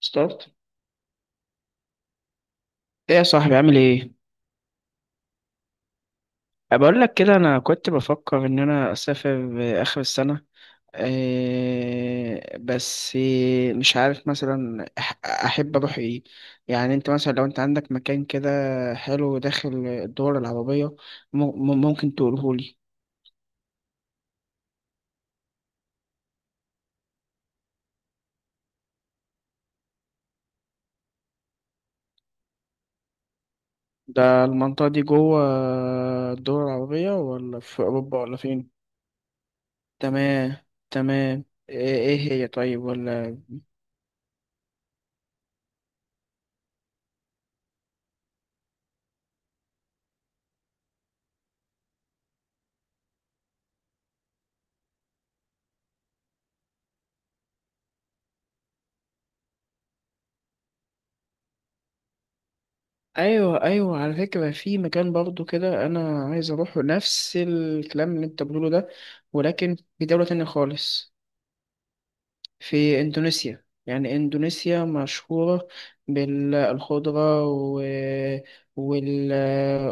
ستارت. ايه يا صاحبي، عامل ايه؟ بقول لك كده انا كنت بفكر ان انا اسافر اخر السنه. إيه بس، مش عارف مثلا احب اروح ايه. يعني انت مثلا لو انت عندك مكان كده حلو داخل الدول العربيه، م- ممكن تقوله لي؟ ده المنطقه دي جوه الدول العربيه ولا في اوروبا ولا فين؟ تمام، تمام. ايه إيه هي؟ طيب ولا. ايوه، ايوه، على فكره في مكان برضو كده انا عايز اروحه، نفس الكلام اللي انت بتقوله ده، ولكن في دوله تانية خالص. في اندونيسيا. يعني اندونيسيا مشهوره بالخضره وال...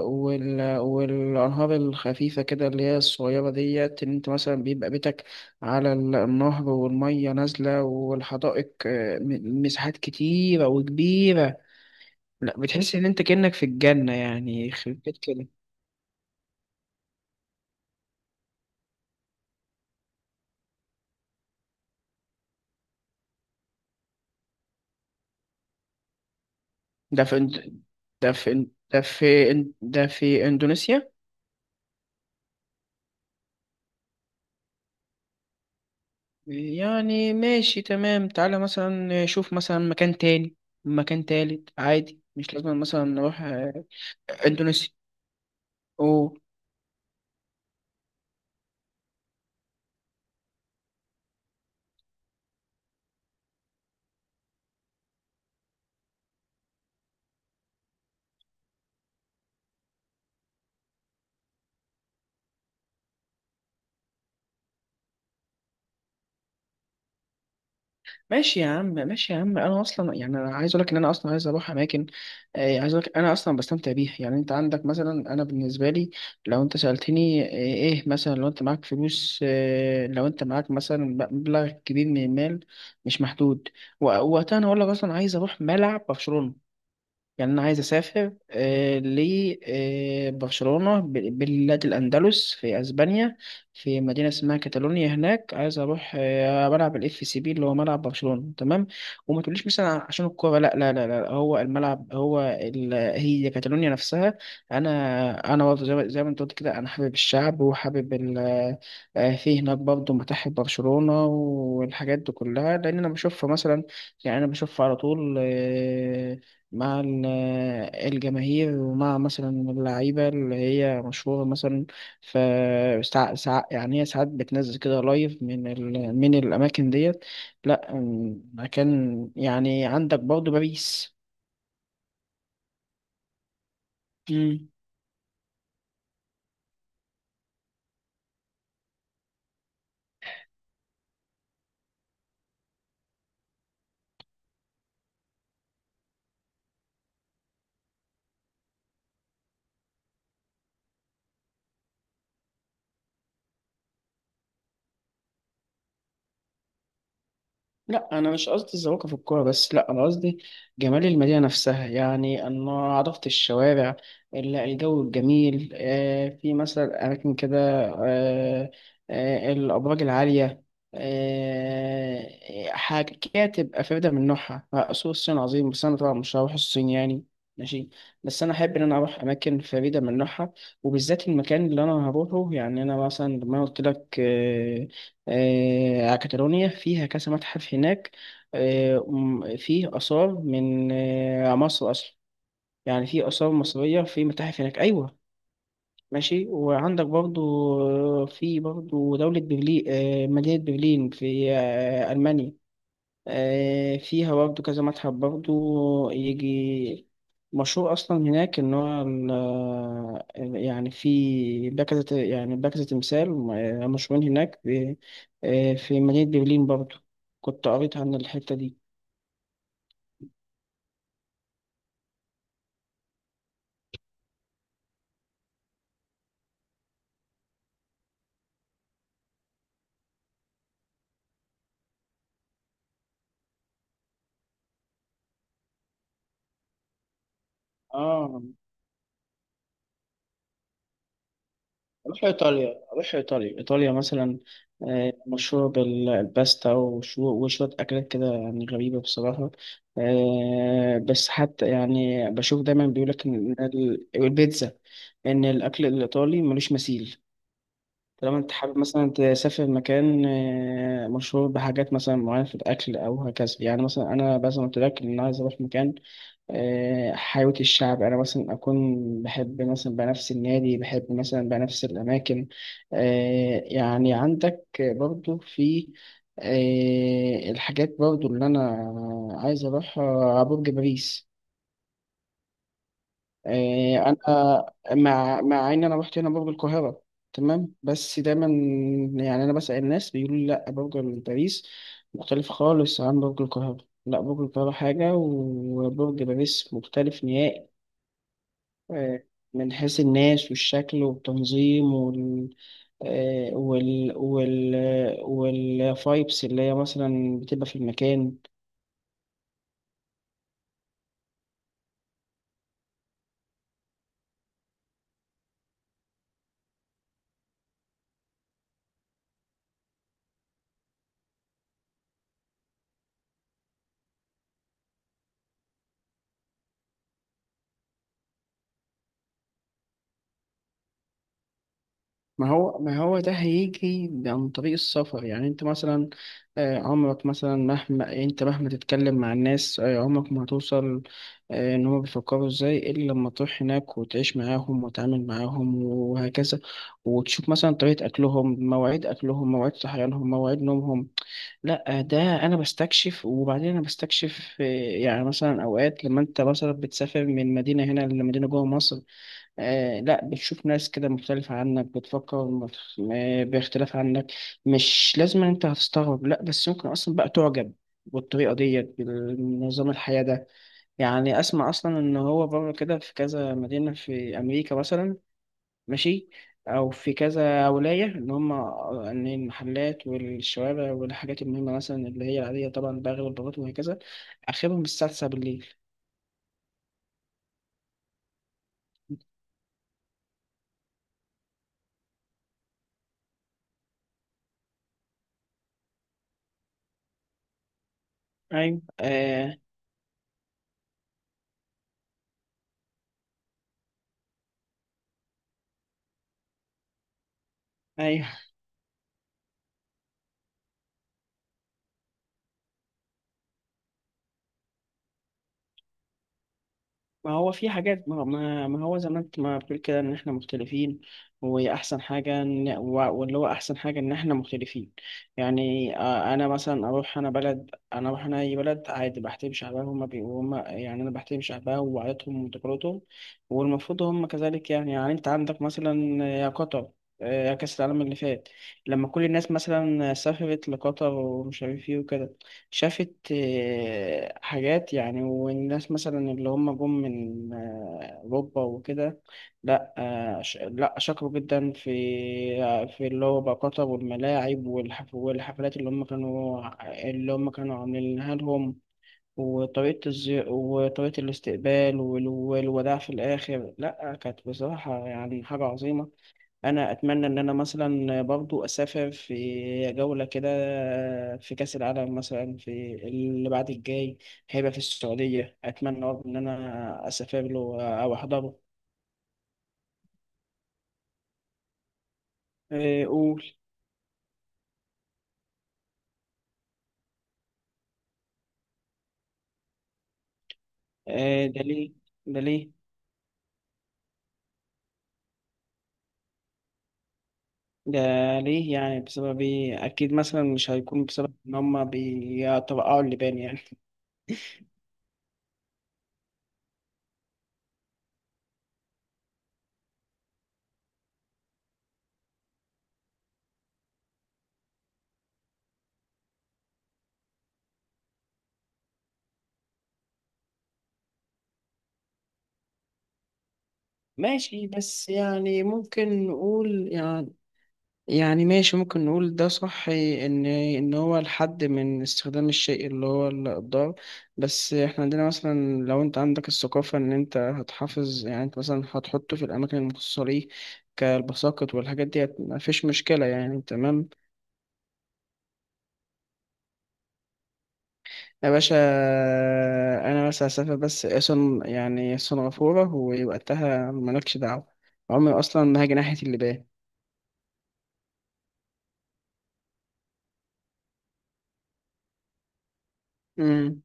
والانهار الخفيفه كده، اللي هي الصغيره ديت، ان انت مثلا بيبقى بيتك على النهر والميه نازله، والحدائق، مساحات كتيره وكبيره. لا، بتحس ان انت كأنك في الجنة، يعني يخرب بيت كده. ده في إند... ده في إن... ده في إن... ده في اندونيسيا. يعني ماشي تمام، تعالى مثلا شوف مثلا مكان تاني، مكان تالت، عادي، مش لازم مثلا نروح اندونيسيا. أوه. ماشي يا عم، ماشي يا عم، انا اصلا يعني انا عايز اقول لك ان انا اصلا عايز اروح اماكن، عايز اقول لك انا اصلا بستمتع بيها. يعني انت عندك مثلا، انا بالنسبه لي لو انت سالتني ايه، مثلا لو انت معاك فلوس، لو انت معاك مثلا مبلغ كبير من المال، مش محدود، وقتها انا اقول لك اصلا عايز اروح ملعب برشلونه. يعني أنا عايز أسافر لبرشلونة، بلاد الأندلس في أسبانيا، في مدينة اسمها كاتالونيا. هناك عايز أروح ملعب الإف سي بي، اللي هو ملعب برشلونة، تمام. وما تقوليش مثلا عشان الكورة، لا لا لا لا، هو الملعب، هو هي كاتالونيا نفسها. أنا برضه زي ما أنت قلت كده، أنا حابب الشعب وحابب ال... آه، في هناك برضه متاحف برشلونة والحاجات دي كلها، لأن أنا بشوفها مثلا. يعني أنا بشوفها على طول مع الجماهير، ومع مثلا اللعيبة اللي هي مشهورة مثلا. ف يعني هي ساعات بتنزل كده لايف من من الأماكن ديت. لأ، مكان يعني عندك برضه باريس. لا انا مش قصدي الذوقة في الكوره بس، لا انا قصدي جمال المدينه نفسها، يعني انه عرفت الشوارع، الجو الجميل، في مثلا اماكن كده، آه، الابراج العاليه، آه، حاجات كده تبقى فريده من نوعها. سوق الصين عظيم، بس انا طبعا مش هروح الصين يعني، ماشي. بس انا احب ان انا اروح اماكن فريده من نوعها، وبالذات المكان اللي انا هروحه. يعني انا مثلا لما قلت لك كاتالونيا فيها كذا متحف هناك، فيه آثار من مصر أصلا، يعني في آثار مصرية في متاحف هناك، أيوة. ماشي. وعندك برضو في برضو دولة برلين، مدينة برلين في ألمانيا. فيها برضه كذا متحف برضه، يجي مشهور أصلا هناك. إن هو يعني في باكزة، يعني باكزة تمثال مشهورين هناك في مدينة برلين برضه، كنت قريت عن الحتة دي. اه. أروح إيطاليا، أروح إيطاليا، إيطاليا مثلا مشهورة بالباستا وشوية أكلات كده يعني غريبة بصراحة. بس حتى يعني بشوف دايما بيقولك إن البيتزا، إن الأكل الإيطالي ملوش مثيل. طالما أنت حابب مثلا تسافر مكان مشهور بحاجات مثلا معينة في الأكل أو هكذا. يعني مثلا أنا مثلا قلت لك إن أنا عايز أروح مكان حياة الشعب، أنا مثلا أكون بحب مثلا بنفس النادي، بحب مثلا بنفس الأماكن. يعني عندك برضو في الحاجات برضو اللي أنا عايز أروحها، برج باريس. أنا مع مع إن أنا رحت هنا برج القاهرة، تمام، بس دايما يعني أنا بسأل الناس بيقولوا لي لأ، برج باريس مختلف خالص عن برج القاهرة. لا، برج القاهرة حاجة، وبرج باريس مختلف نهائي آه، من حيث الناس والشكل والتنظيم وال والفايبس اللي هي مثلا بتبقى في المكان. ما هو، ما هو ده هيجي عن طريق السفر، يعني انت مثلا عمرك مثلا، مهما انت مهما تتكلم مع الناس عمرك ما هتوصل ان هما بيفكروا ازاي، الا لما تروح هناك وتعيش معاهم وتتعامل معاهم وهكذا، وتشوف مثلا طريقة اكلهم، مواعيد اكلهم، مواعيد صحيانهم، مواعيد نومهم. لا ده انا بستكشف، وبعدين انا بستكشف يعني مثلا اوقات لما انت مثلا بتسافر من مدينه هنا لمدينه جوه مصر، آه، لا بتشوف ناس كده مختلفة عنك، بتفكر باختلاف عنك. مش لازم انت هتستغرب، لا بس ممكن اصلا بقى تعجب بالطريقة ديت، بنظام الحياة ده. يعني اسمع اصلا ان هو بره كده في كذا مدينة في امريكا مثلا، ماشي، او في كذا ولايه، ان هم، ان المحلات والشوارع والحاجات المهمه مثلا اللي هي العاديه طبعا، بقى غير البلاط وهكذا، اخرهم الساعه 9 بالليل. ايوه، آه، ايوه. ما هو في حاجات، ما هو زي ما انت ما بتقول كده، ان احنا مختلفين. واحسن حاجه واللي هو احسن حاجه ان احنا مختلفين. يعني انا مثلا اروح انا بلد، انا اروح انا اي بلد عادي بحترم شعبها، هما بي هما، يعني انا بحترم شعبها وعاداتهم وتقاليدهم، والمفروض هما كذلك. يعني يعني انت عندك مثلا يا قطر يا كأس العالم اللي فات، لما كل الناس مثلا سافرت لقطر ومش عارف ايه وكده، شافت حاجات يعني، والناس مثلا اللي هم جم من أوروبا وكده، لا لا شكروا جدا في في اللي هو بقى قطر والملاعب والحفلات اللي هم كانوا، اللي هم كانوا عاملينها لهم. وطريقة الاستقبال والوداع في الآخر، لا كانت بصراحة يعني حاجة عظيمة. انا اتمنى ان انا مثلا برضو اسافر في جولة كده في كأس العالم مثلا، في اللي بعد الجاي، هيبقى في السعودية. اتمنى برضو ان انا اسافر له او احضره. إيه، قول. إيه، ده ليه؟ ده ليه؟ ده ليه يعني؟ بسبب ايه؟ اكيد مثلا مش هيكون بسبب ان هما بيترقعوا اللبان يعني. ماشي، بس يعني ممكن نقول يعني، يعني ماشي ممكن نقول ده صح، ان ان هو الحد من استخدام الشيء اللي هو الضار. بس احنا عندنا مثلا، لو انت عندك الثقافة ان انت هتحافظ، يعني انت مثلا هتحطه في الاماكن المخصصة ليه كالبساقط والحاجات دي، مفيش مشكلة يعني، تمام. يا باشا، انا بس هسافر بس اصلا يعني سنغافورة ووقتها مالكش دعوة. عمري اصلا ما هاجي ناحية اللي. امم.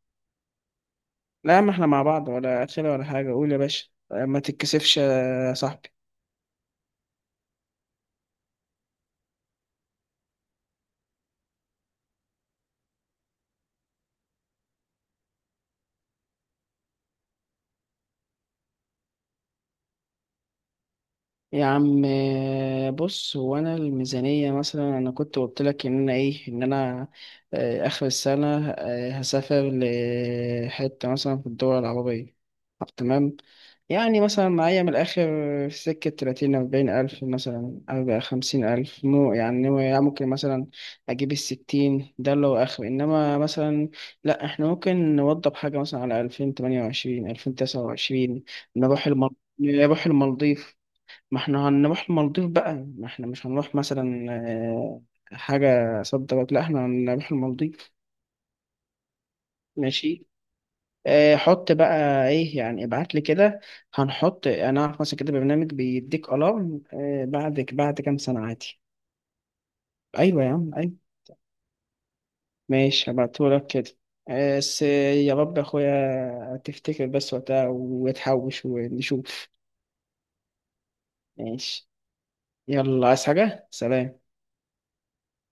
لا، ما احنا مع بعض ولا اخره ولا حاجة، قول يا باشا، ما تتكسفش يا صاحبي. يا عم بص، هو انا الميزانيه مثلا، انا كنت قلت لك ان انا ايه، ان انا اخر السنه هسافر لحته مثلا في الدول العربيه. طب تمام. يعني مثلا معايا من الاخر في سكه 30 40 الف مثلا، او 50 الف، مو يعني، يعني ممكن مثلا اجيب الستين ده اللي هو اخر، انما مثلا لا، احنا ممكن نوضب حاجه مثلا على 2028 2029، نروح المالديف، نروح المالديف. ما احنا هنروح المالديف بقى، ما احنا مش هنروح مثلا حاجة صد رد، لا احنا هنروح المالديف. ماشي. حط بقى ايه، يعني ابعت لي كده، هنحط، انا اعرف مثلا كده برنامج بيديك الارم بعد كام سنة عادي. ايوه يا عم، ايوه. ماشي، هبعتهولك كده بس يا رب يا اخويا تفتكر بس وقتها وتحوش ونشوف. ماشي. يلا، عايز حاجة؟ سلام.